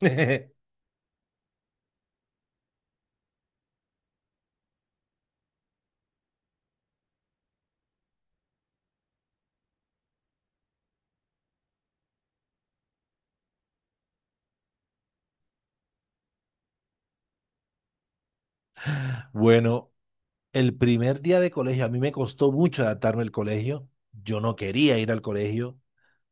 Bueno, el primer día de colegio, a mí me costó mucho adaptarme al colegio. Yo no quería ir al colegio.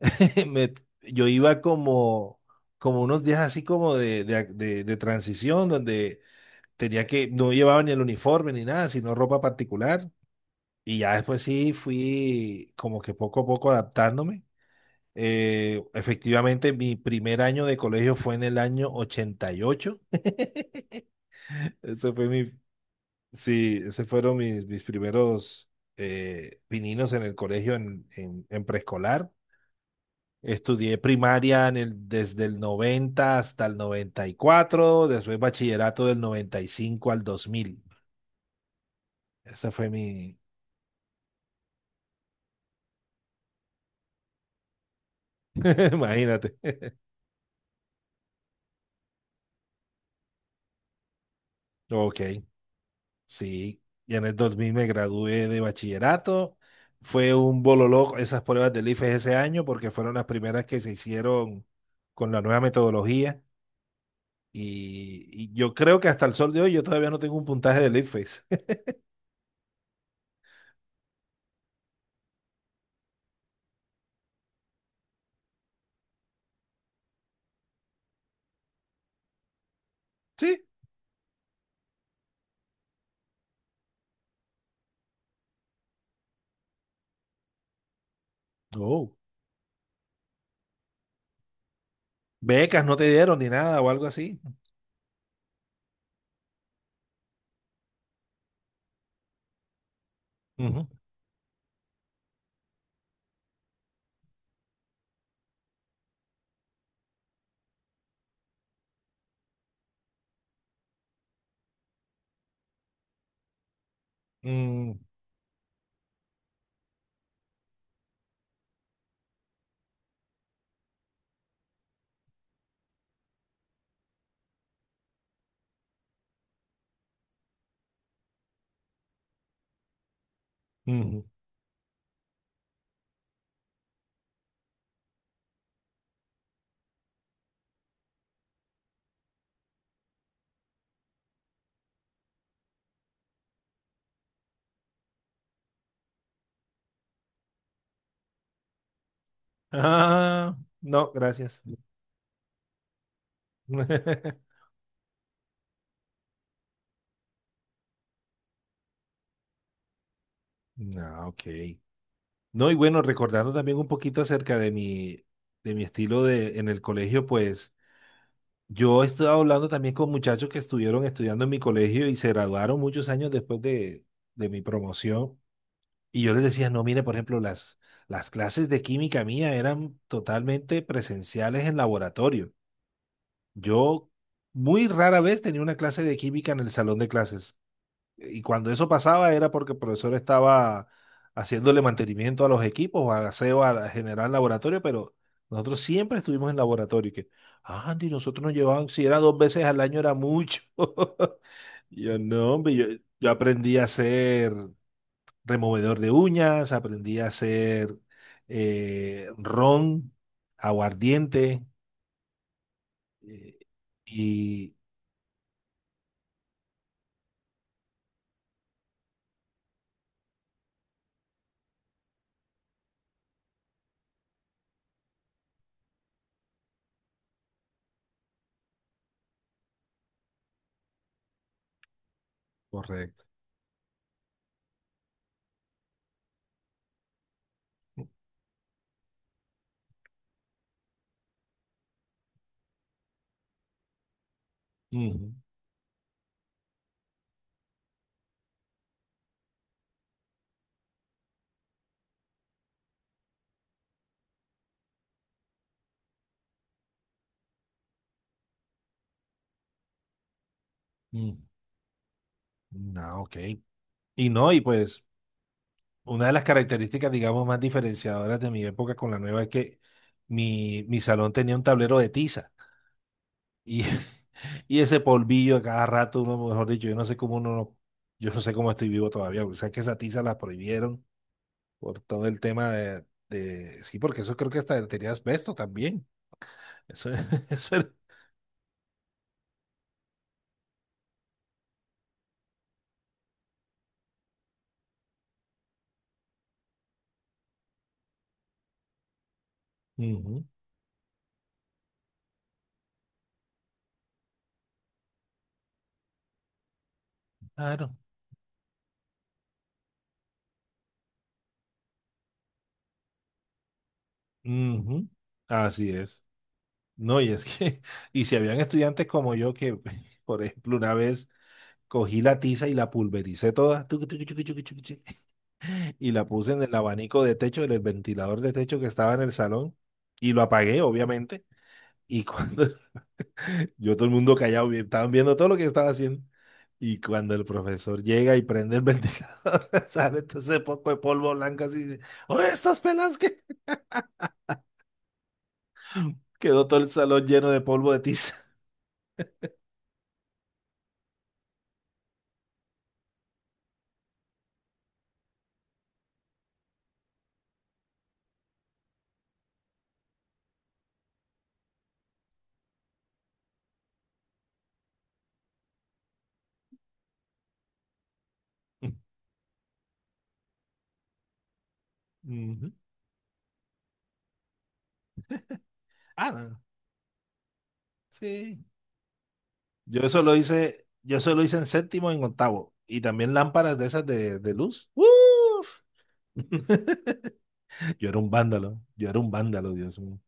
Me- yo iba como unos días así como de transición, donde tenía que, no llevaba ni el uniforme ni nada, sino ropa particular. Y ya después sí fui como que poco a poco adaptándome. Efectivamente, mi primer año de colegio fue en el año 88. Ese fue mi, Sí, ese fueron mis, primeros pininos en el colegio en preescolar. Estudié primaria en el, desde el 90 hasta el 94. Después bachillerato del 95 al 2000. Esa fue mi, imagínate. Ok, sí. Y en el 2000 me gradué de bachillerato. Fue un bololó esas pruebas del IFES ese año porque fueron las primeras que se hicieron con la nueva metodología. Y yo creo que hasta el sol de hoy yo todavía no tengo un puntaje de Leadface. Sí. Oh. Becas no te dieron ni nada o algo así. Ujú. Mm, ujú. Ah, no, gracias. No, ok. No, y bueno, recordando también un poquito acerca de mi estilo de, en el colegio, pues yo he estado hablando también con muchachos que estuvieron estudiando en mi colegio y se graduaron muchos años después de mi promoción. Y yo les decía, no, mire, por ejemplo, las clases de química mía eran totalmente presenciales en laboratorio. Yo muy rara vez tenía una clase de química en el salón de clases. Y cuando eso pasaba era porque el profesor estaba haciéndole mantenimiento a los equipos, o aseo a general laboratorio, pero nosotros siempre estuvimos en laboratorio. Y que, "Ah, Andy, nosotros nos llevaban, si era dos veces al año era mucho." Y yo no, hombre, yo aprendí a hacer removedor de uñas, aprendí a hacer ron, aguardiente eh, y... Correcto. Ujú, ujú. Ah, ok. Y no, y pues una de las características, digamos, más diferenciadoras de mi época con la nueva es que mi salón tenía un tablero de tiza y, y ese polvillo a cada rato, uno, mejor dicho, yo no sé cómo estoy vivo todavía, porque sabes que esa tiza la prohibieron por todo el tema sí, porque eso creo que hasta tenía asbesto también. Eso, eso era. Ujú, claro. Ujú, así es. No, y es que, y si habían estudiantes como yo que, por ejemplo, una vez cogí la tiza y la pulvericé toda, tucu, tucu, tucu, tucu, tucu, tucu, y la puse en el abanico de techo, en el ventilador de techo que estaba en el salón, y lo apagué, obviamente, y cuando Yo todo el mundo callado, estaban viendo todo lo que estaba haciendo. Y cuando el profesor llega y prende el ventilador, sale entonces poco de polvo blanco así. De, oye, estas pelas que quedó todo el salón lleno de polvo de tiza. Ujú. Ah, no, sí. Yo eso lo hice en séptimo y en octavo. Y también lámparas de esas de luz. ¡Uf! Yo era un vándalo, yo era un vándalo, Dios mío.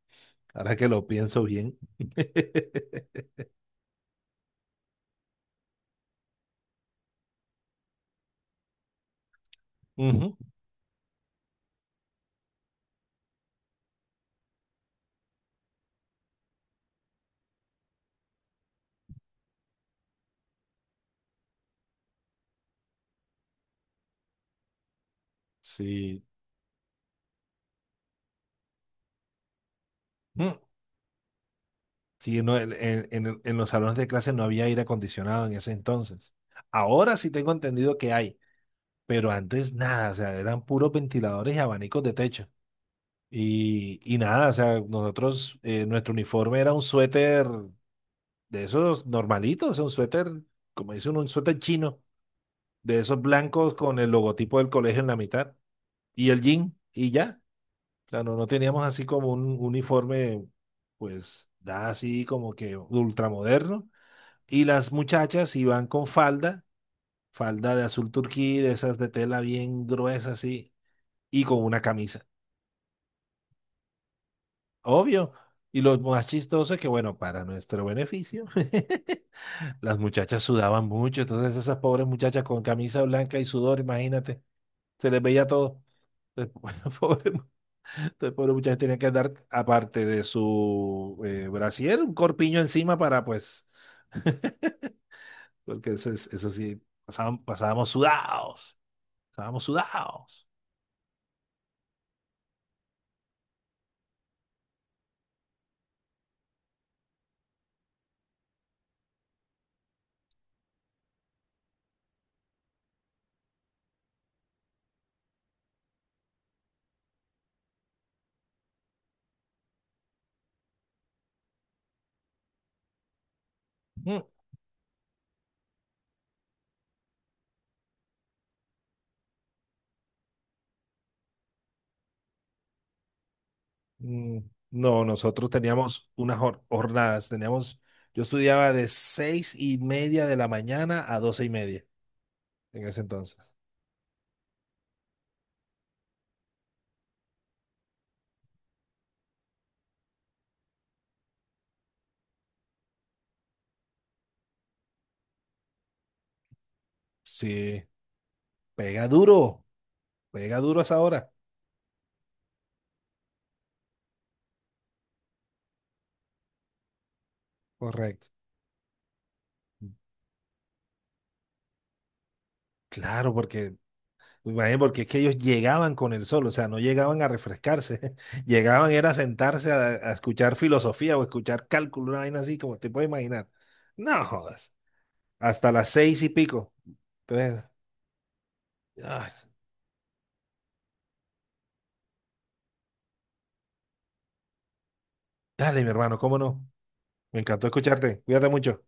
Ahora que lo pienso bien. Ujú. Sí. Mm. Sí, no, en, en los salones de clase no había aire acondicionado en ese entonces. Ahora sí tengo entendido que hay, pero antes nada, o sea, eran puros ventiladores y abanicos de techo. Y nada, o sea, nosotros, nuestro uniforme era un suéter de esos normalitos, o sea, un suéter, como dice uno, un suéter chino, de esos blancos con el logotipo del colegio en la mitad y el jean, y ya. O sea, no, no teníamos así como un uniforme, pues, nada así como que ultramoderno. Y las muchachas iban con falda, falda de azul turquí, de esas de tela bien gruesa así, y con una camisa. Obvio. Y lo más chistoso es que, bueno, para nuestro beneficio, las muchachas sudaban mucho. Entonces esas pobres muchachas con camisa blanca y sudor, imagínate, se les veía todo. Entonces, pobre, entonces, pobre muchachas tenían que andar, aparte de su brasier, un corpiño encima para, pues, porque eso, eso sí, pasábamos sudados. Estábamos sudados. Mm. Mm, no, nosotros teníamos unas jornadas, teníamos, yo estudiaba de 6:30 de la mañana a 12:30 en ese entonces. Sí, pega duro, pega duro a esa hora. Correcto. Claro, porque, pues, imagínate, porque es que ellos llegaban con el sol, o sea, no llegaban a refrescarse, llegaban era a sentarse a escuchar filosofía o escuchar cálculo, una vaina así como te puedes imaginar. No jodas, hasta las seis y pico. Entonces, ah, dale, mi hermano, cómo no. Me encantó escucharte. Cuídate mucho.